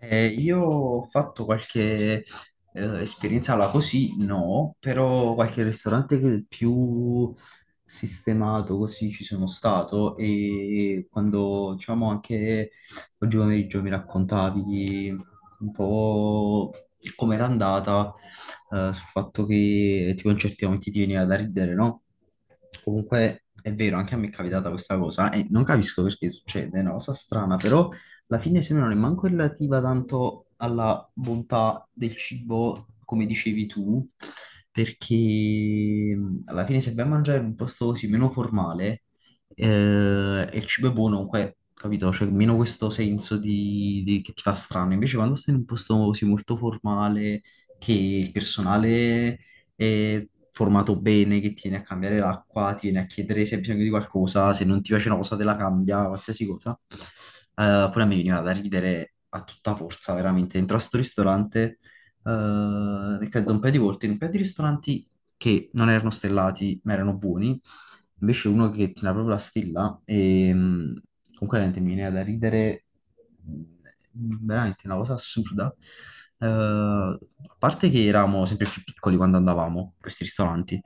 Io ho fatto qualche esperienza là così, no, però qualche ristorante che- più sistemato così ci sono stato e quando diciamo anche oggi pomeriggio mi raccontavi un po' com'era andata sul fatto che tipo in certi momenti ti veniva da ridere, no? Comunque è vero, anche a me è capitata questa cosa e non capisco perché succede, è una cosa strana, però alla fine se no non è manco relativa tanto alla bontà del cibo, come dicevi tu, perché alla fine se vai a mangiare in un posto così meno formale, e il cibo è buono, comunque, capito? C'è meno questo senso di- che ti fa strano. Invece quando stai in un posto così molto formale, che il personale formato bene, che tiene a cambiare l'acqua, tiene a chiedere se hai bisogno di qualcosa, se non ti piace una cosa te la cambia, qualsiasi cosa. Poi a me veniva da ridere a tutta forza, veramente. Entro a sto ristorante, credo un paio di volte, in un paio di ristoranti che non erano stellati, ma erano buoni. Invece uno che tira proprio la stilla e comunque veramente mi viene da ridere, mh, veramente una cosa assurda. A parte che eravamo sempre più piccoli quando andavamo in questi ristoranti,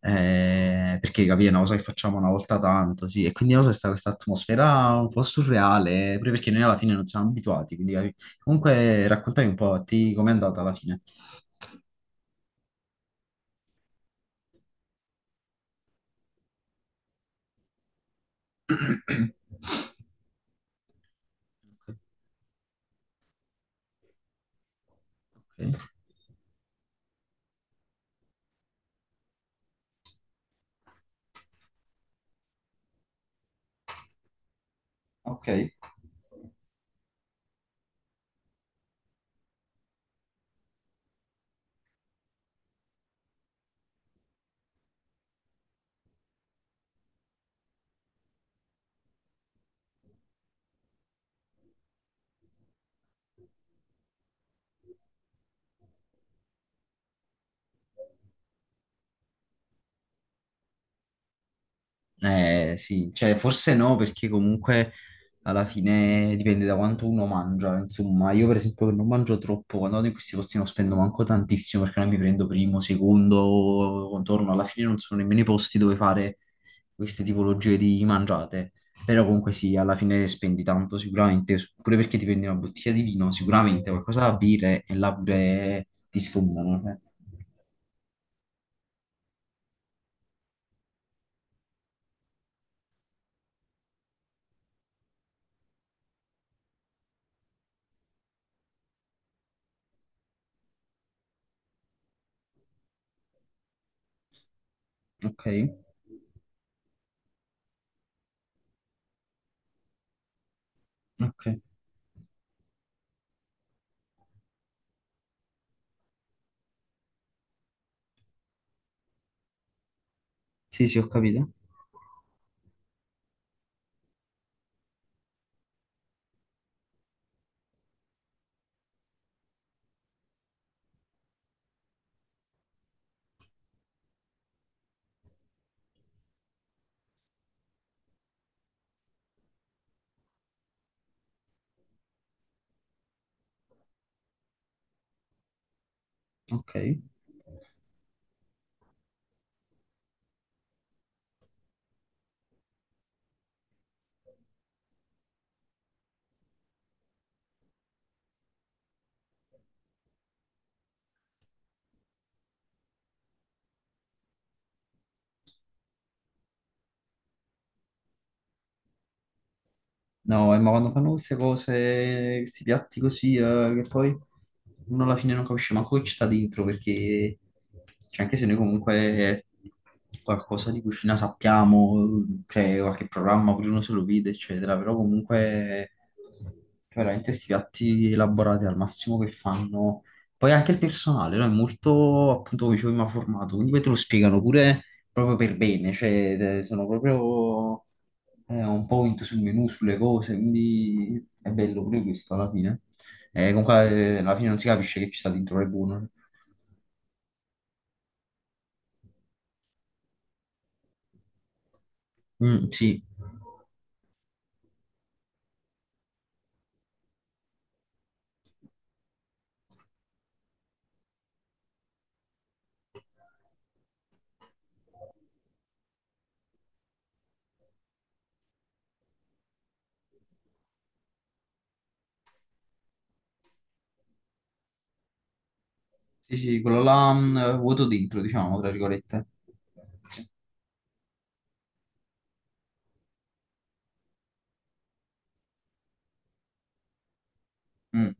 perché capì, è una cosa che facciamo una volta tanto, sì, e quindi non so, sta questa atmosfera un po' surreale, pure perché noi alla fine non siamo abituati, quindi capì. Comunque raccontami un po' a te com'è andata alla fine. Ok. Ok. Eh sì, cioè forse no, perché comunque alla fine dipende da quanto uno mangia, insomma, io per esempio che non mangio troppo, quando vado in questi posti non spendo manco tantissimo perché non mi prendo primo, secondo, contorno, alla fine non sono nemmeno i posti dove fare queste tipologie di mangiate, però comunque sì, alla fine spendi tanto sicuramente, pure perché ti prendi una bottiglia di vino, sicuramente qualcosa da bere e là pure ti sfondano, eh. Ok, ok, sì sì ho capito, ok. No, ma quando fanno queste cose, questi piatti così, che poi uno alla fine non capisce manco chi sta dentro, perché cioè, anche se noi comunque qualcosa di cucina sappiamo, cioè qualche programma pure uno se lo vede, eccetera, però comunque cioè, veramente questi piatti elaborati al massimo che fanno. Poi anche il personale, no? È molto, appunto, come dicevo, prima formato, quindi poi te lo spiegano pure proprio per bene, cioè sono proprio un point sul menu, sulle cose, quindi è bello pure questo alla fine. Comunque alla fine non si capisce che ci sta dentro le buone. Mm, sì. Sì, sì, quello là vuoto dentro, diciamo, tra virgolette. Mm,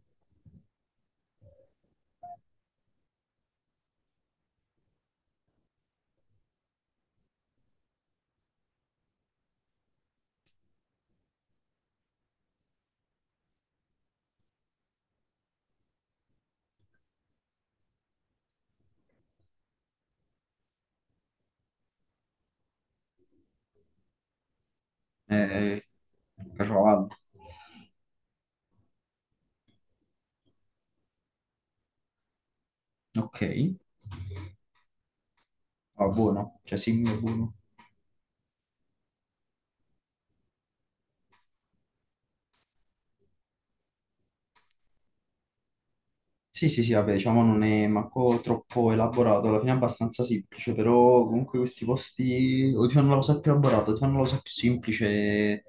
eh, ciocavallo. Ok. Ah, buono, cioè sì, è buono. Sì, sì, sì, vabbè, diciamo non è manco troppo elaborato, alla fine è abbastanza semplice, però comunque questi posti o ti fanno la cosa più elaborata, o ti fanno la cosa più semplice,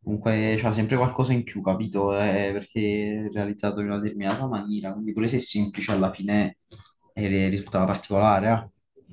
comunque c'ha sempre qualcosa in più, capito? Perché è realizzato in una determinata maniera, quindi pure se è semplice alla fine risultava particolare, eh.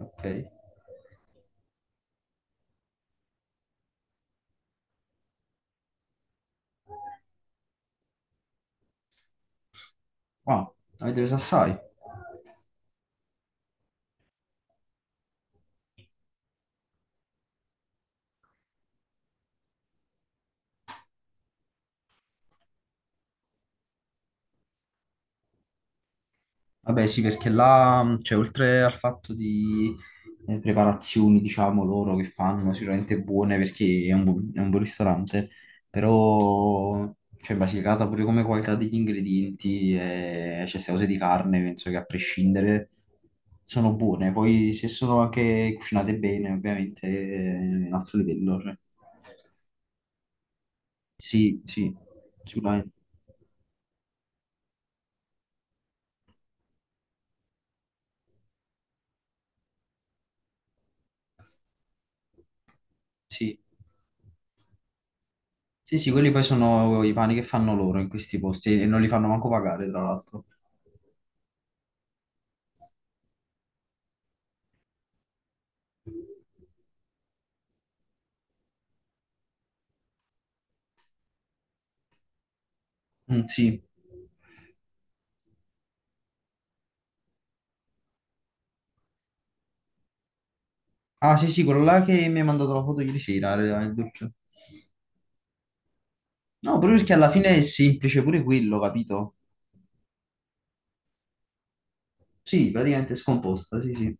Ok. Ah, avete preso assai. Vabbè, sì, perché là, cioè, oltre al fatto di preparazioni, diciamo, loro che fanno, sicuramente buone perché è un, bu- è un buon ristorante, però, cioè, Basilicata pure come qualità degli ingredienti, cioè, queste cose di carne, penso che a prescindere sono buone. Poi, se sono anche cucinate bene, ovviamente, è un altro livello, cioè. Sì, sì, sicuramente, sì. Sì, sì, quelli poi sono i pani che fanno loro in questi posti e non li fanno manco pagare, tra l'altro. Mm, sì. Ah, sì, sì, quello là che mi ha mandato la foto ieri sera, era il dolce. No, proprio perché alla fine è semplice pure quello, capito? Sì, praticamente è scomposta, sì, sì.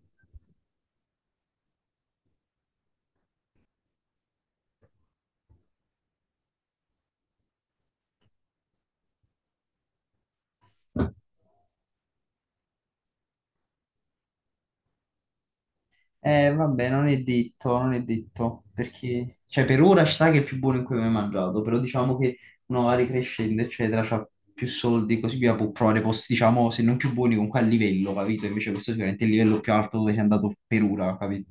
Vabbè, non è detto, non è detto, perché, cioè, per ora ci sta che è il più buono in cui ho mai mangiato, però diciamo che uno va ricrescendo, eccetera, c'ha più soldi, così via, può provare posti, diciamo, se non più buoni, comunque a livello, capito? Invece questo sicuramente è il livello più alto dove sei andato per ora, capito?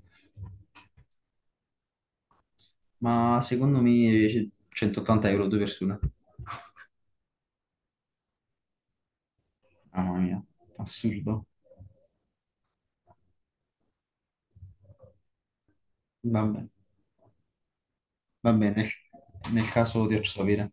Ma secondo me 180 euro due persone. Mamma mia, assurdo. Vabbè, va bene, nel caso ti faccio sapere.